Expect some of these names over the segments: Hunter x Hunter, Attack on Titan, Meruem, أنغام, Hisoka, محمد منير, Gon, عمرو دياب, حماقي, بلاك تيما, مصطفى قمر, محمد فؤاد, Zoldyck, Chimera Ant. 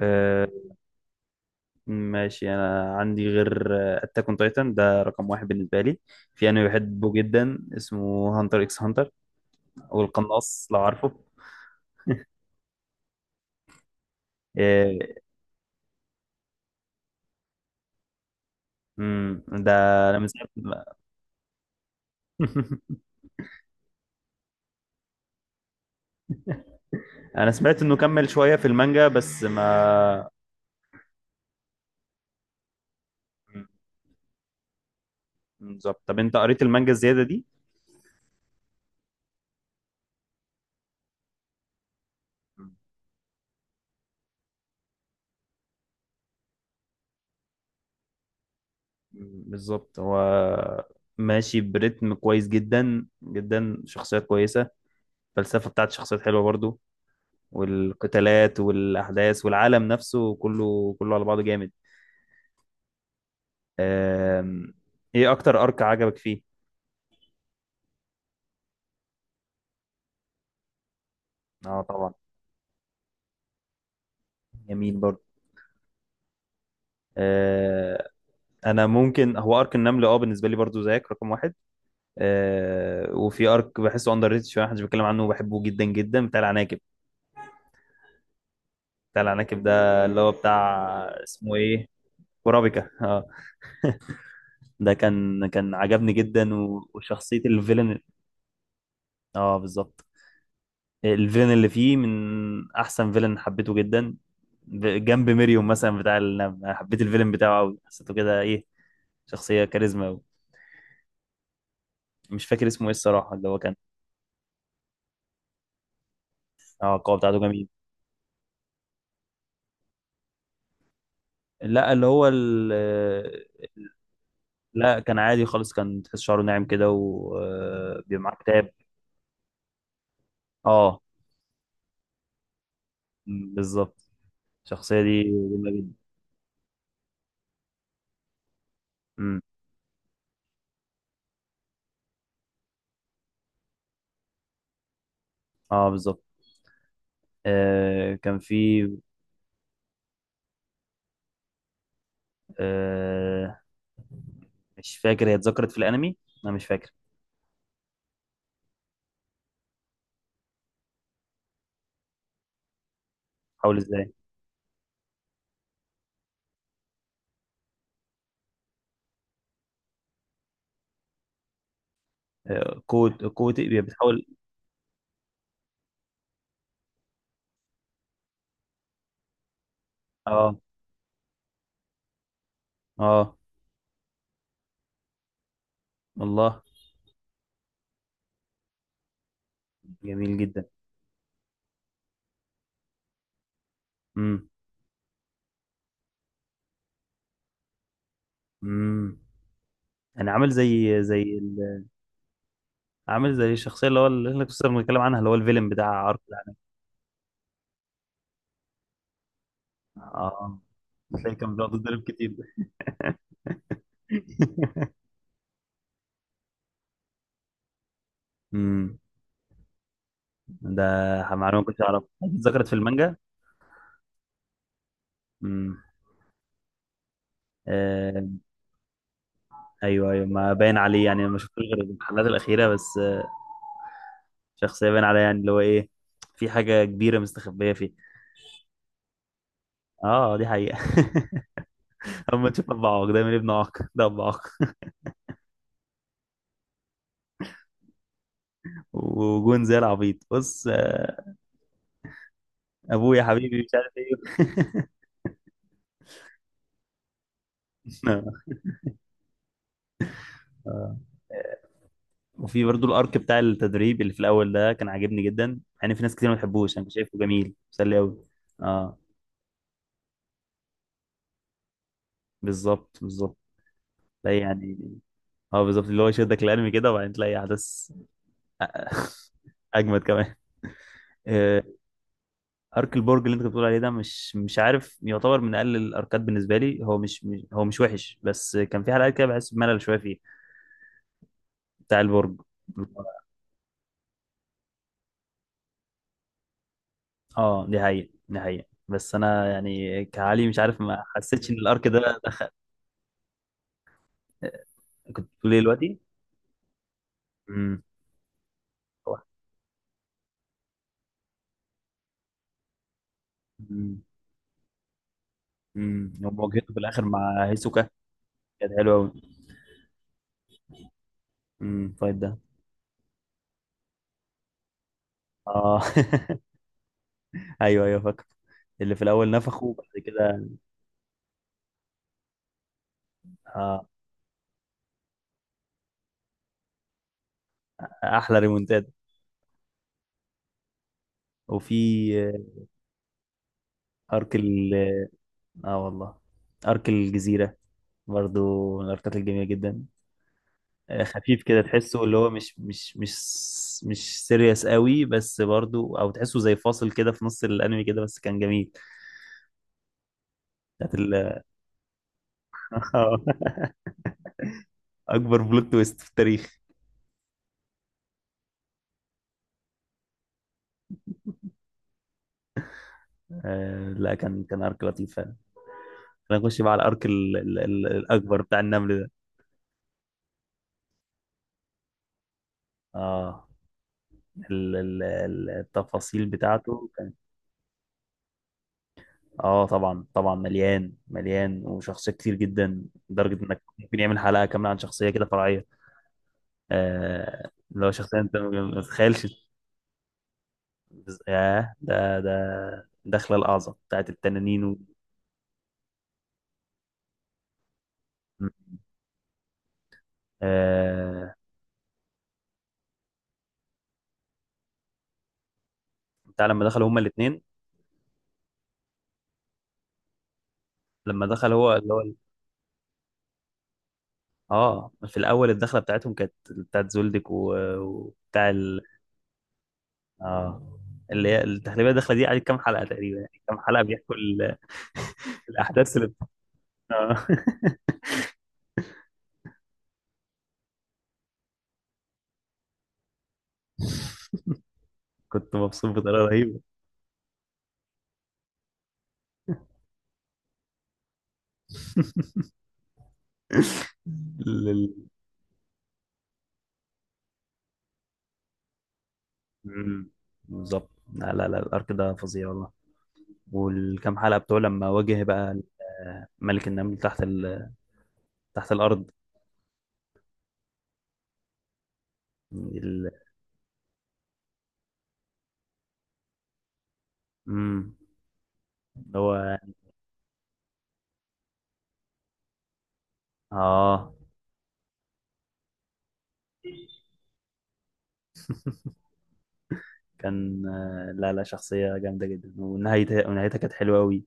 آه، ماشي انا عندي غير اتاك اون تايتن ده رقم واحد بالنسبه لي. في انمي بحبه جدا اسمه هانتر اكس هانتر، او القناص لو عارفه. آه، ده انا من ساعه انا سمعت انه كمل شويه في المانجا بس ما. مم، بالظبط، طب انت قريت المانجا الزياده دي؟ بالظبط. هو ماشي بريتم كويس جدا جدا، شخصيات كويسه، الفلسفه بتاعت الشخصيات حلوه برضو، والقتالات والاحداث والعالم نفسه كله كله على بعضه جامد. آم، ايه اكتر ارك عجبك فيه؟ اه طبعا، جميل برضه. آه، انا ممكن هو ارك النمل، اه بالنسبه لي برضه زيك رقم واحد. وفي ارك بحسه اندر ريتد شويه، محدش بيتكلم عنه وبحبه جدا جدا، بتاع العناكب. بتاع العناكب ده اللي هو بتاع، اسمه ايه، ورابيكا. اه ده كان عجبني جدا، وشخصيه الفيلن. اه بالظبط، الفيلن اللي فيه من احسن فيلن، حبيته جدا جنب ميريوم مثلا بتاع النمل. انا حبيت الفيلن بتاعه قوي، حسيته كده ايه، شخصيه كاريزما قوي. مش فاكر اسمه ايه الصراحه، اللي هو كان اه القوه بتاعته جميل. لا اللي هو ال... لا، كان عادي خالص، كان تحس شعره ناعم كده وبيبقى معاه كتاب. اه. بالظبط، الشخصيه دي جميله جدا. امم. اه بالظبط. آه كان في. آه مش فاكر، هي اتذكرت في الانمي؟ انا مش فاكر. حاول ازاي؟ قوة، قوة إيه بتحاول؟ اه. اه. الله. جميل جدا. امم. امم انا عامل زي عامل زي الشخصية اللي هو اللي احنا كنا بنتكلم عنها، اللي هو الفيلم بتاع عرق العالم. اه تلاقي كان بيقعد يتضرب كتير ده. امم، ده معلومة ما كنتش اعرفها، اتذكرت في المانجا. امم. آه. ايوه ايوه، ما باين عليه يعني، ما شفتوش غير الحلقات الأخيرة بس. شخصية باين عليها يعني اللي هو ايه، في حاجة كبيرة مستخبية فيه. اه دي حقيقة. اما تشوف ابو عوق ده من ابن عوق ده ابو عوق. وجون زي العبيط بص، ابويا حبيبي مش عارف ايه. وفي برضو الارك بتاع التدريب اللي في الاول ده كان عاجبني جدا، يعني في ناس كتير ما بتحبوش، انا كنت شايفه جميل مسلي قوي. اه بالظبط بالظبط، تلاقي يعني، اه بالظبط اللي هو يشدك الانمي كده، وبعدين تلاقي احداث اجمد كمان. آه، ارك البرج اللي انت بتقول عليه ده، مش مش عارف، يعتبر من اقل الاركات بالنسبه لي. هو مش وحش، بس كان في حلقات كده بحس بملل شويه فيه، بتاع البرج. اه دي حقيقة دي حقيقة، بس انا يعني كعلي مش عارف، ما حسيتش ان الارك ده دخل. كنت بتقول ايه دلوقتي؟ امم. هو- امم. امم، ومواجهته في الاخر مع هيسوكا كانت حلوه قوي. فايت ده اه. ايوه ايوه فاكر، اللي في الاول نفخه وبعد كده آه. احلى ريمونتاد. وفي ارك ال، اه والله. ارك الجزيره برضو من الاركات الجميله جدا، خفيف كده تحسه اللي هو مش سيريس قوي بس برضو، او تحسه زي فاصل كده في نص الانمي كده، بس كان جميل. بتاعت ال... اكبر بلوت تويست في التاريخ. آه لا كان ارك لطيف فعلا. خلينا نخش بقى على الارك الاكبر بتاع النمل ده. اه التفاصيل بتاعته كانت اه طبعا طبعا، مليان مليان وشخصيات كتير جدا، لدرجه انك ممكن يعمل حلقه كامله عن شخصيه كده فرعيه، آه اللي هو شخصيه انت ما تتخيلش. ياه، ده دخلة الأعظم بتاعت التنانين و... آه... بتاع لما دخلوا هما الاتنين، لما دخل هو اللي هو اه. في الأول الدخلة بتاعتهم كانت بتاعت زولدك و... وبتاع اه. اللي هي التحليبية الدخلة دي قعدت كام حلقة تقريبا، يعني كام حلقة بيحكوا الأحداث اللي آه. كنت مبسوط بطريقة رهيبة. لل... مم. بالظبط لا لا لا، الارك ده فظيع والله. والكام حلقه بتوع لما واجه بقى ملك النمل تحت، تحت الارض. ال... امم. اللي هو اه كان لا لا، شخصيه جامده جدا، ونهايتها ونهايتها كانت حلوه قوي،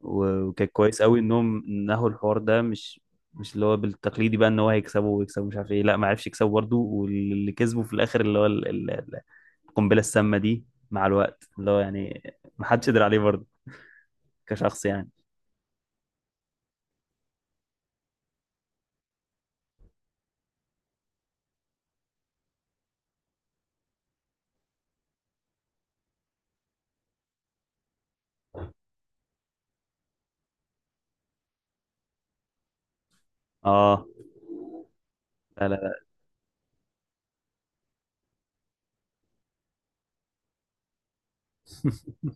وكان كويس قوي انهم نهوا الحوار ده مش، مش اللي هو بالتقليدي بقى، ان هو هيكسبه ويكسبه مش عارف ايه، لا ما عرفش يكسبه برضه، واللي كسبه في الاخر اللي هو القنبله السامه دي، مع الوقت اللي هو يعني ما حدش قدر عليه برضه، كشخص يعني. اه لا لا لا.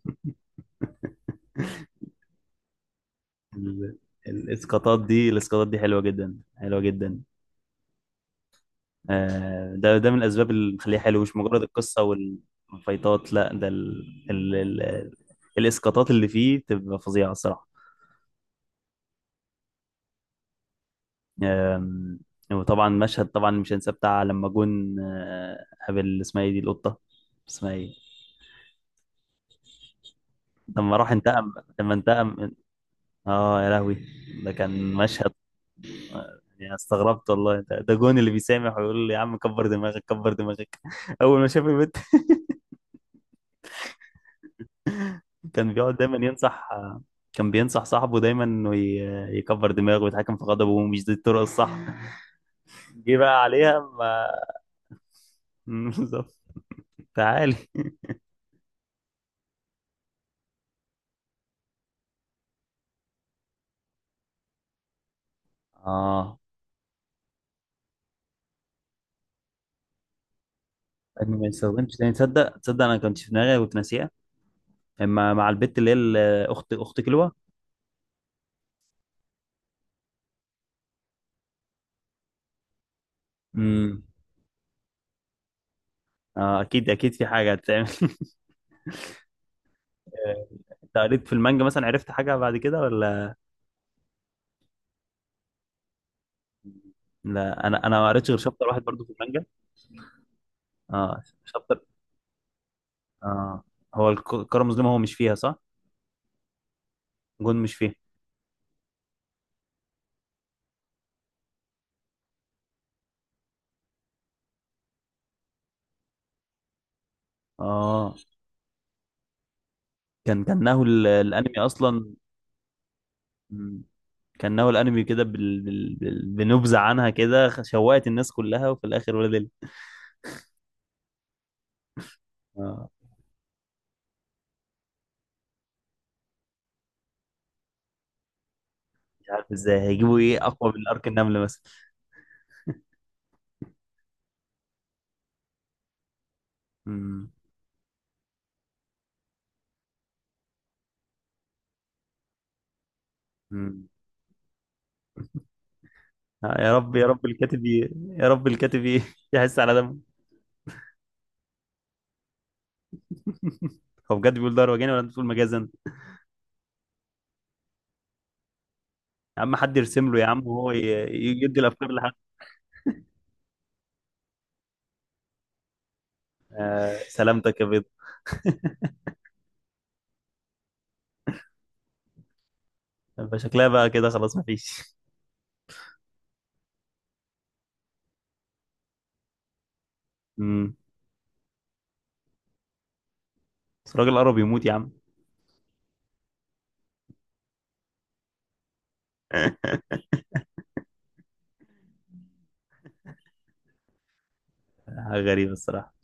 ال- الاسقاطات دي، الاسقاطات دي حلوه جدا حلوه جدا. ده ده من الاسباب اللي مخليه حلو، مش مجرد القصه والفايتات. لا ده ال... ال... الاسقاطات اللي فيه بتبقى فظيعه الصراحه. آم، وطبعا مشهد طبعا مش هنساه، بتاع لما جون قابل اسمها ايه دي القطه، اسمها ايه، لما راح انتقم، لما انتقم اه يا لهوي. ده كان مشهد يعني استغربت والله، ده، ده جون اللي بيسامح ويقول لي يا عم كبر دماغك كبر دماغك اول ما شاف البنت. كان بيقعد دايما ينصح، كان بينصح صاحبه دايما انه يكبر دماغه ويتحكم في غضبه، ومش دي الطرق الصح. جه بقى عليها ما. بالظبط. تعالي. اه إنه ما يستخدمش تاني. تصدق تصدق انا كنت في دماغي كنت ناسيها، اما مع البت اللي هي اخت كلوة. امم. اه اكيد اكيد في حاجه هتتعمل. آه، انت قريت في المانجا مثلا، عرفت حاجه بعد كده ولا؟ لا انا ما قريتش غير شابتر واحد برضو في المانجا. اه شابتر. اه هو الكره المظلمه هو مش فيها صح؟ جون مش فيها. اه كانه الانمي اصلا. مم. كانه الانمي كده بنبذه عنها كده، شوقت الناس كلها، وفي الاخر ولا دل. اه مش عارف ازاي هيجيبوا ايه اقوى من ارك النمل مثلا. مم. مم. يا رب يا رب الكاتب يا رب الكاتب يحس على دمه. هو بجد بيقول ده روجاني ولا انت بتقول مجازا؟ يا عم حد يرسم له يا عم، وهو يدي الافكار لحد. آه سلامتك يا بيض. فشكلها بقى كده خلاص مفيش. امم. بس الراجل قرب يموت يا عم. غريبة الصراحة.